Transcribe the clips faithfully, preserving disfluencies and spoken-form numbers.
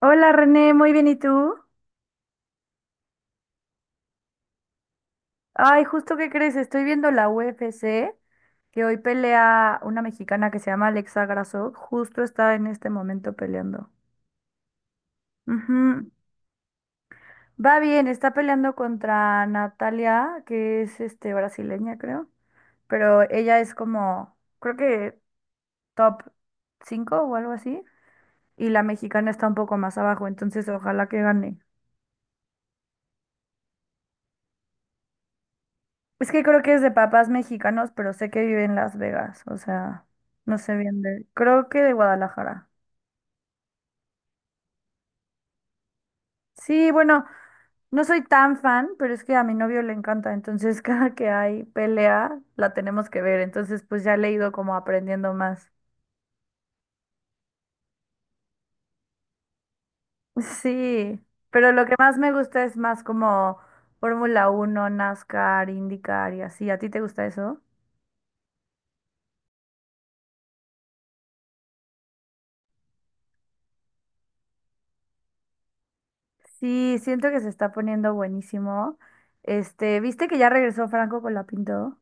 Hola René, muy bien, ¿y tú? Ay, justo que crees, estoy viendo la U F C, que hoy pelea una mexicana que se llama Alexa Grasso, justo está en este momento peleando. Ujú. Va bien, está peleando contra Natalia, que es este brasileña, creo, pero ella es como, creo que top cinco o algo así, y la mexicana está un poco más abajo, entonces ojalá que gane. Es que creo que es de papás mexicanos, pero sé que vive en Las Vegas, o sea, no sé bien de... Creo que de Guadalajara. Sí, bueno, no soy tan fan, pero es que a mi novio le encanta, entonces cada que hay pelea la tenemos que ver, entonces pues ya le he ido como aprendiendo más. Sí, pero lo que más me gusta es más como Fórmula uno, NASCAR, IndyCar y así. ¿A ti te gusta eso? Sí, siento que se está poniendo buenísimo. Este, ¿viste que ya regresó Franco Colapinto?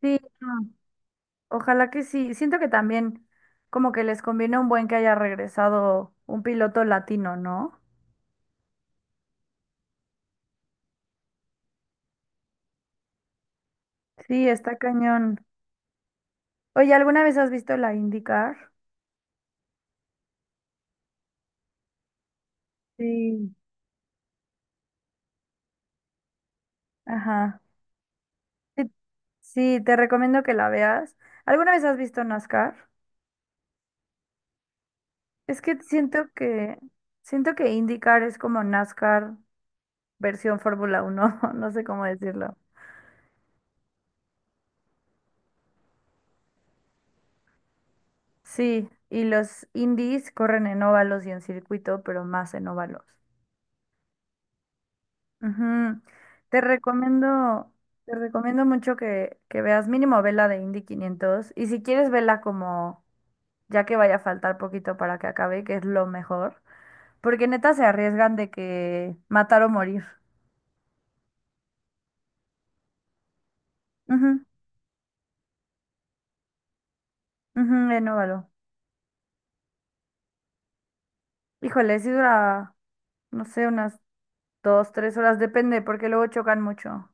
Sí, no, ojalá que sí. Siento que también como que les conviene un buen que haya regresado un piloto latino, ¿no? Sí, está cañón. Oye, ¿alguna vez has visto la IndyCar? Sí. Ajá. Sí, sí, te recomiendo que la veas. ¿Alguna vez has visto NASCAR? Es que siento que siento que IndyCar es como NASCAR versión Fórmula uno, no sé cómo decirlo. Sí, y los Indies corren en óvalos y en circuito, pero más en óvalos. Ujú. Te recomiendo, te recomiendo mucho que, que veas mínimo vela de Indy quinientos y si quieres vela como ya que vaya a faltar poquito para que acabe, que es lo mejor, porque neta se arriesgan de que matar o morir. Ujú, ujú, en óvalo. Híjole, si dura, no sé, unas dos, tres horas, depende, porque luego chocan mucho.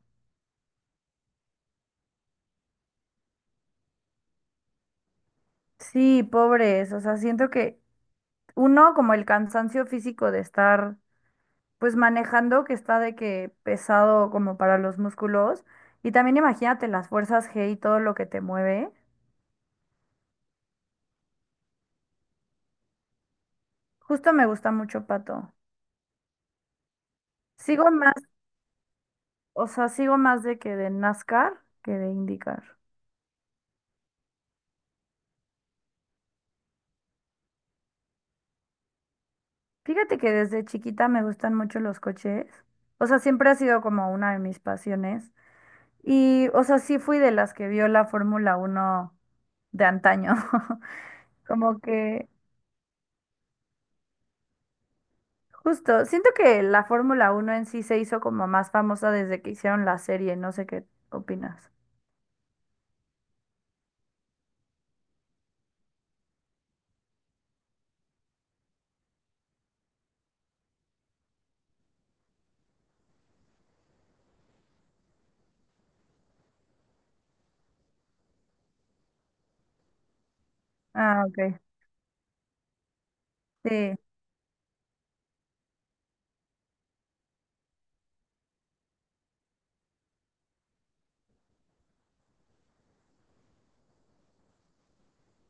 Sí, pobres, o sea, siento que uno, como el cansancio físico de estar pues manejando que está de que pesado como para los músculos. Y también imagínate las fuerzas G y todo lo que te mueve. Justo me gusta mucho Pato. Sigo más, o sea, sigo más de que de NASCAR que de IndyCar. Fíjate que desde chiquita me gustan mucho los coches. O sea, siempre ha sido como una de mis pasiones. Y, o sea, sí fui de las que vio la Fórmula Uno de antaño. Como que Justo, siento que la Fórmula uno en sí se hizo como más famosa desde que hicieron la serie, no sé qué opinas. Ah, ok. Sí,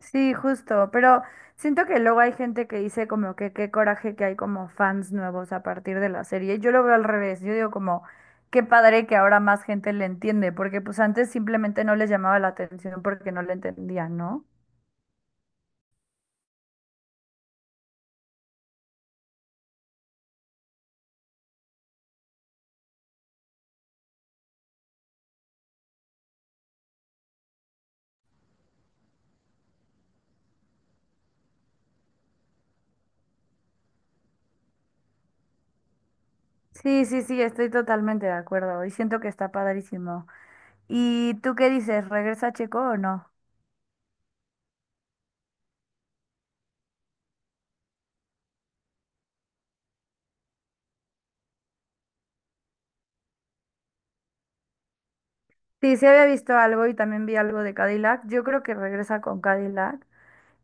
sí, justo, pero siento que luego hay gente que dice como que qué coraje que hay como fans nuevos a partir de la serie. Yo lo veo al revés, yo digo como qué padre que ahora más gente le entiende, porque pues antes simplemente no les llamaba la atención porque no le entendían, ¿no? Sí, sí, sí, estoy totalmente de acuerdo y siento que está padrísimo. ¿Y tú qué dices? ¿Regresa Checo o no? Sí, sí había visto algo y también vi algo de Cadillac. Yo creo que regresa con Cadillac.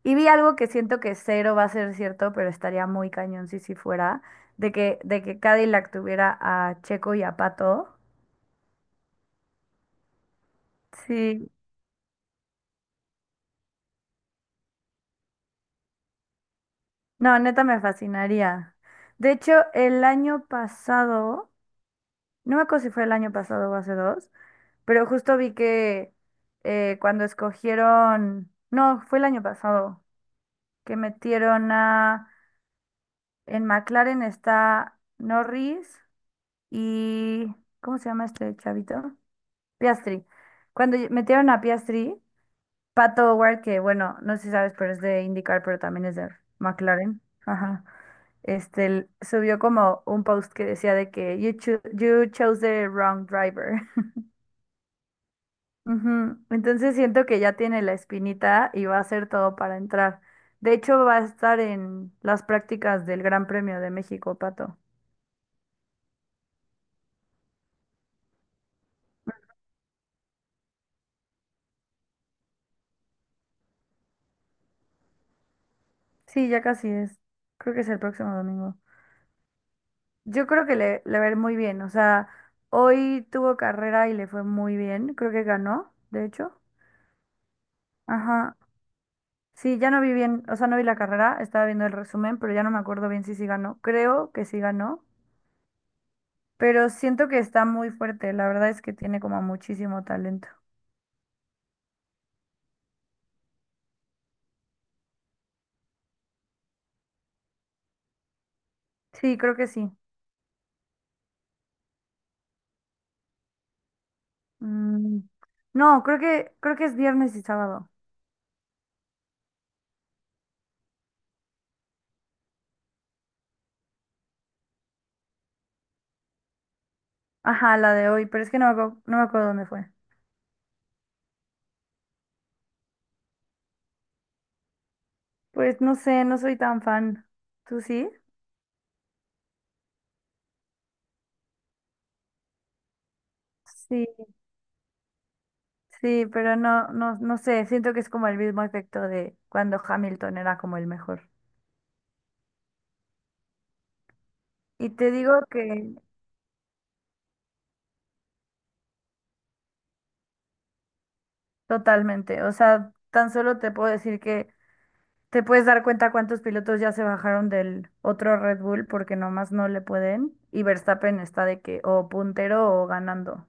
Y vi algo que siento que cero va a ser cierto, pero estaría muy cañón si sí fuera, de que, de que Cadillac tuviera a Checo y a Pato. Sí, no, neta me fascinaría. De hecho, el año pasado, no me acuerdo si fue el año pasado o hace dos, pero justo vi que eh, cuando escogieron, no, fue el año pasado, que metieron a... En McLaren está Norris y... ¿Cómo se llama este chavito? Piastri. Cuando ll- metieron a Piastri, Pato O'Ward, que bueno, no sé si sabes, pero es de IndyCar, pero también es de McLaren. Ajá. Este, l- subió como un post que decía de que you, cho- you chose the wrong driver. Ujú. Entonces siento que ya tiene la espinita y va a hacer todo para entrar. De hecho, va a estar en las prácticas del Gran Premio de México, Pato. Sí, ya casi es. Creo que es el próximo domingo. Yo creo que le, le va a ir muy bien. O sea, hoy tuvo carrera y le fue muy bien. Creo que ganó, de hecho. Ajá. Sí, ya no vi bien, o sea, no vi la carrera, estaba viendo el resumen, pero ya no me acuerdo bien si sí ganó. Creo que sí ganó, pero siento que está muy fuerte. La verdad es que tiene como muchísimo talento. Sí, creo que sí. Mm, No, creo que, creo que es viernes y sábado. Ajá, la de hoy, pero es que no me acuerdo, no me acuerdo dónde fue. Pues no sé, no soy tan fan. ¿Tú sí? Sí, sí, pero no, no, no sé, siento que es como el mismo efecto de cuando Hamilton era como el mejor. Y te digo que totalmente, o sea, tan solo te puedo decir que te puedes dar cuenta cuántos pilotos ya se bajaron del otro Red Bull porque nomás no le pueden y Verstappen está de que o puntero o ganando.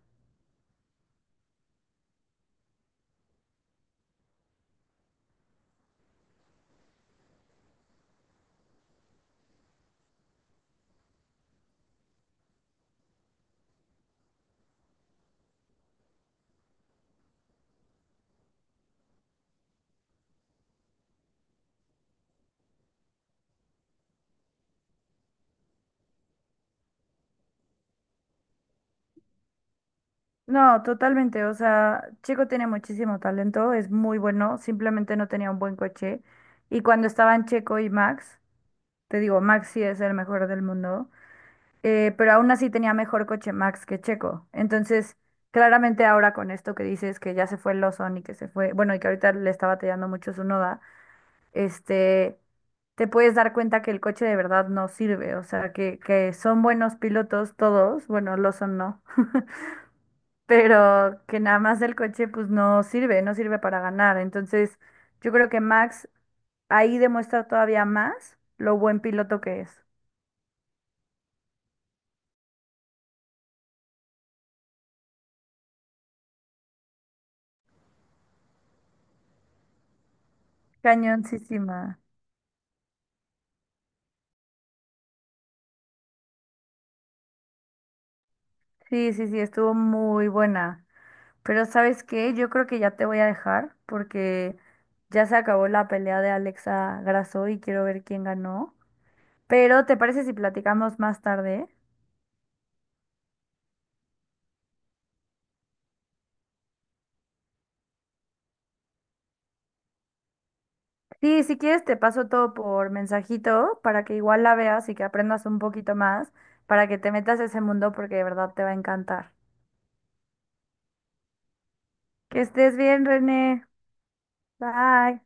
No, totalmente. O sea, Chico tiene muchísimo talento, es muy bueno, simplemente no tenía un buen coche. Y cuando estaban Checo y Max, te digo, Max sí es el mejor del mundo, eh, pero aún así tenía mejor coche Max que Checo. Entonces, claramente ahora con esto que dices que ya se fue Lawson y que se fue, bueno, y que ahorita le está batallando mucho su noda, este, te puedes dar cuenta que el coche de verdad no sirve. O sea, que, que son buenos pilotos todos, bueno, Lawson no, pero que nada más el coche pues no sirve, no sirve para ganar. Entonces, yo creo que Max ahí demuestra todavía más lo buen piloto que es. Cañoncísima. Sí, sí, sí, estuvo muy buena. Pero ¿sabes qué? Yo creo que ya te voy a dejar porque ya se acabó la pelea de Alexa Grasso y quiero ver quién ganó. Pero ¿te parece si platicamos más tarde? Sí, si quieres te paso todo por mensajito para que igual la veas y que aprendas un poquito más, para que te metas a ese mundo porque de verdad te va a encantar. Que estés bien, René. Bye.